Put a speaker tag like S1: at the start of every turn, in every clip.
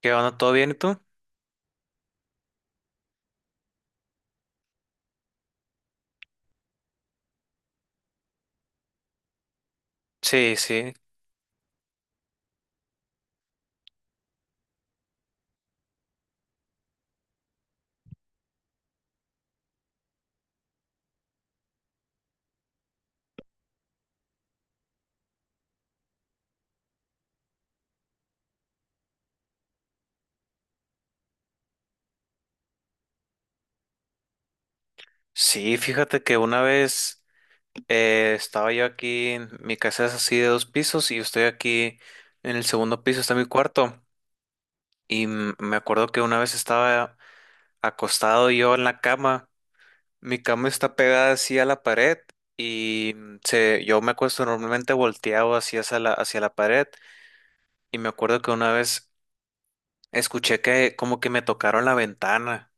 S1: ¿Qué onda? ¿Todo bien y tú? Sí, sí. Sí, fíjate que una vez estaba yo aquí, mi casa es así de dos pisos y yo estoy aquí en el segundo piso, está mi cuarto. Y me acuerdo que una vez estaba acostado yo en la cama, mi cama está pegada así a la pared y yo me acuesto normalmente volteado así hacia la pared y me acuerdo que una vez escuché que como que me tocaron la ventana.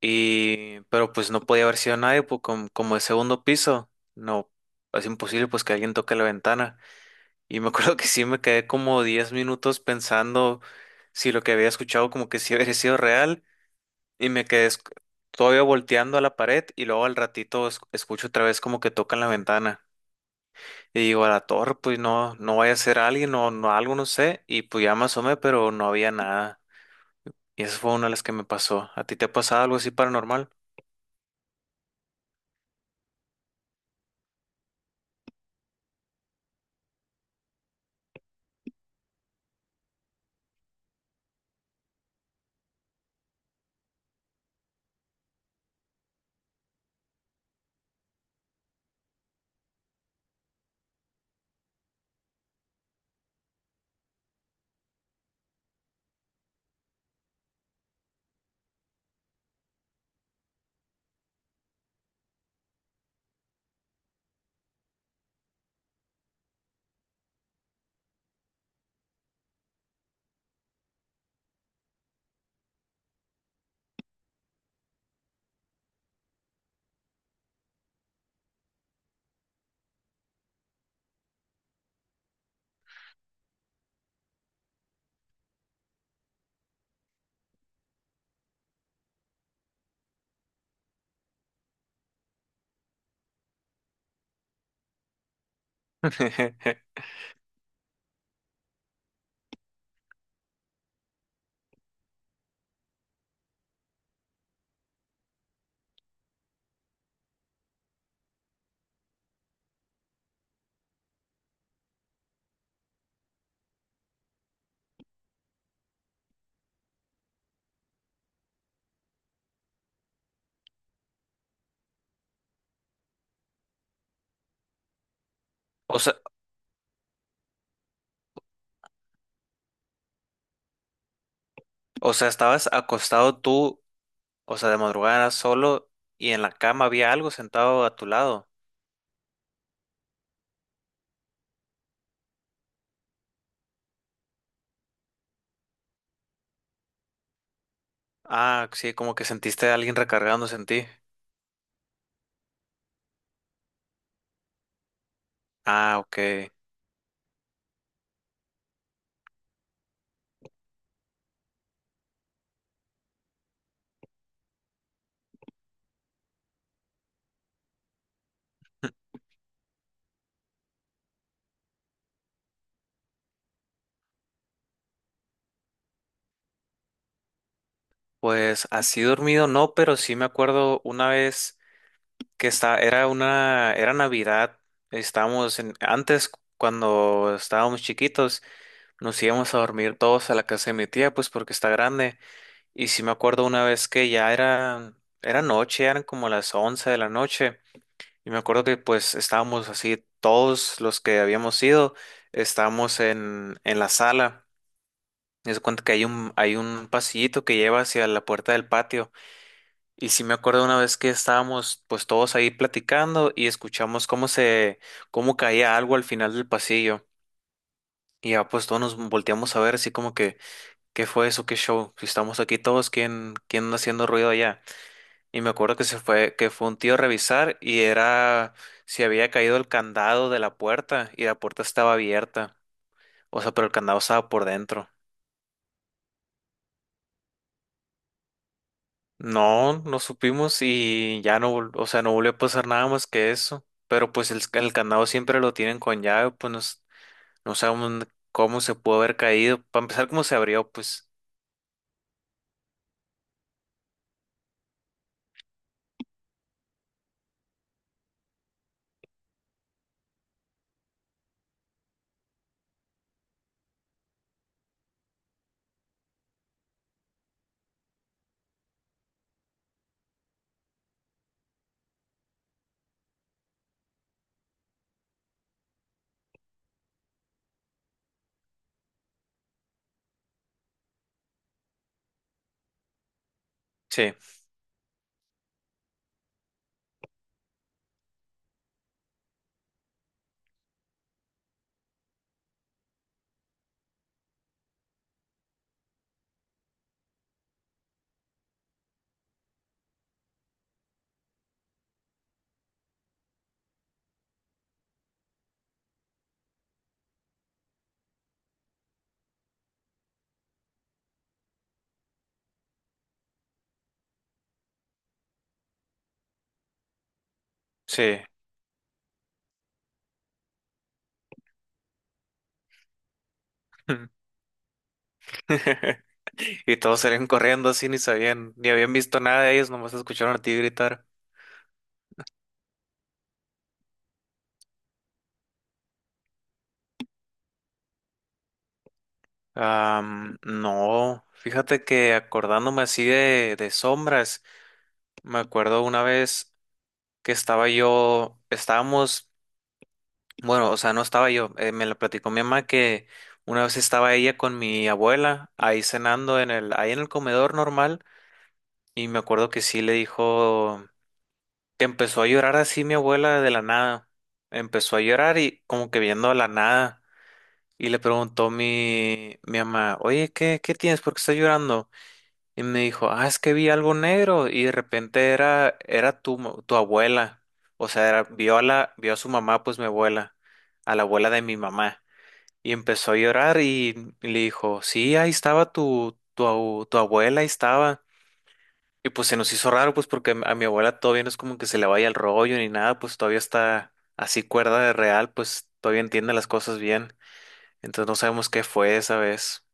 S1: Y, pero pues no podía haber sido nadie, pues como, el segundo piso, no, es imposible pues que alguien toque la ventana. Y me acuerdo que sí me quedé como 10 minutos pensando si lo que había escuchado como que sí había sido real y me quedé todavía volteando a la pared y luego al ratito escucho otra vez como que tocan la ventana. Y digo, a la torre, pues no, no vaya a ser alguien o no, algo, no sé. Y pues ya me asomé, pero no había nada. Y esa fue una de las que me pasó. ¿A ti te ha pasado algo así paranormal? O sea. O sea, estabas acostado tú, o sea, de madrugada solo y en la cama había algo sentado a tu lado. Ah, sí, como que sentiste a alguien recargándose en ti. Ah, ok. Pues así dormido no, pero sí me acuerdo una vez era Navidad. Antes cuando estábamos chiquitos, nos íbamos a dormir todos a la casa de mi tía, pues porque está grande. Y sí me acuerdo una vez era noche, eran como las 11 de la noche. Y me acuerdo que pues estábamos así, todos los que habíamos ido, estábamos en la sala. Me cuenta que hay un pasillito que lleva hacia la puerta del patio. Y sí me acuerdo una vez que estábamos pues todos ahí platicando y escuchamos cómo caía algo al final del pasillo. Y ya pues todos nos volteamos a ver así como que, ¿qué fue eso? ¿Qué show? Si estamos aquí todos, ¿quién, quién anda haciendo ruido allá? Y me acuerdo que se fue, que fue un tío a revisar y era si había caído el candado de la puerta y la puerta estaba abierta. O sea, pero el candado estaba por dentro. No, no supimos y ya no, o sea, no volvió a pasar nada más que eso. Pero pues el candado siempre lo tienen con llave, pues no, no sabemos dónde- cómo se pudo haber caído. Para empezar, cómo se abrió, pues. Sí, sí. Y todos salían corriendo así, ni sabían, ni habían visto nada de ellos, nomás escucharon a ti gritar. Am, no, fíjate que acordándome así de sombras, me acuerdo una vez que estaba yo, estábamos, bueno, o sea, no estaba yo, me la platicó mi mamá que una vez estaba ella con mi abuela ahí cenando en el, ahí en el comedor normal y me acuerdo que sí le dijo que empezó a llorar así mi abuela de la nada, empezó a llorar y como que viendo a la nada y le preguntó mi mamá, oye, ¿qué tienes? ¿Por qué estás llorando? Y me dijo, ah, es que vi algo negro y de repente era tu abuela. O sea, era- vio a su mamá, pues mi abuela, a la abuela de mi mamá. Y empezó a llorar y le dijo, sí, ahí estaba tu abuela, ahí estaba. Y pues se nos hizo raro, pues porque a mi abuela todavía no es como que se le vaya el rollo ni nada, pues todavía está así cuerda de real, pues todavía entiende las cosas bien. Entonces no sabemos qué fue esa vez.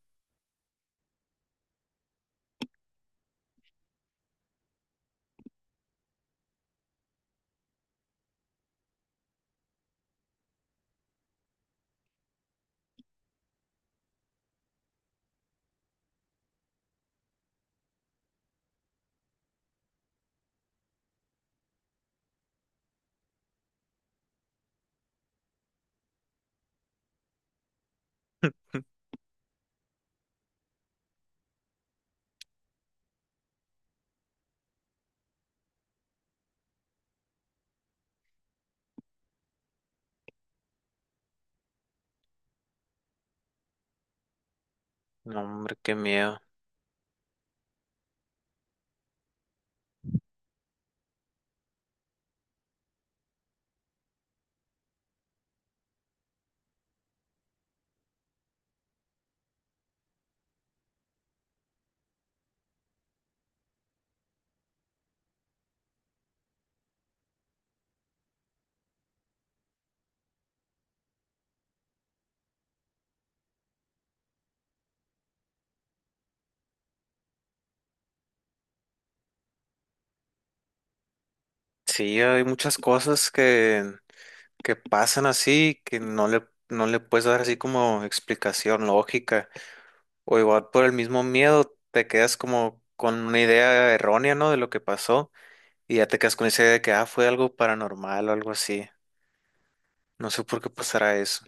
S1: No, hombre, qué miedo. Sí, hay muchas cosas que pasan así, que no le puedes dar así como explicación lógica, o igual por el mismo miedo te quedas como con una idea errónea, ¿no? De lo que pasó y ya te quedas con esa idea de que, ah, fue algo paranormal o algo así. No sé por qué pasará eso.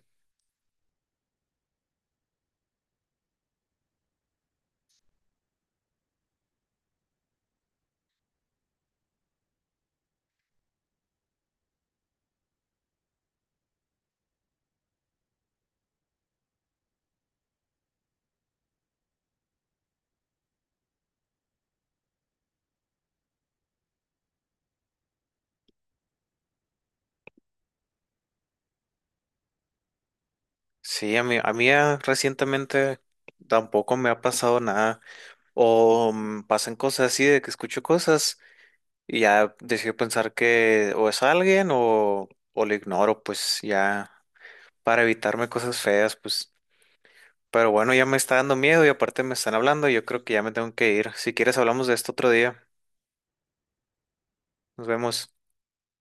S1: Sí, a mí, recientemente tampoco me ha pasado nada. O pasan cosas así de que escucho cosas y ya decido pensar que o es alguien o lo ignoro, pues ya para evitarme cosas feas, pues. Pero bueno, ya me está dando miedo y aparte me están hablando y yo creo que ya me tengo que ir. Si quieres, hablamos de esto otro día. Nos vemos.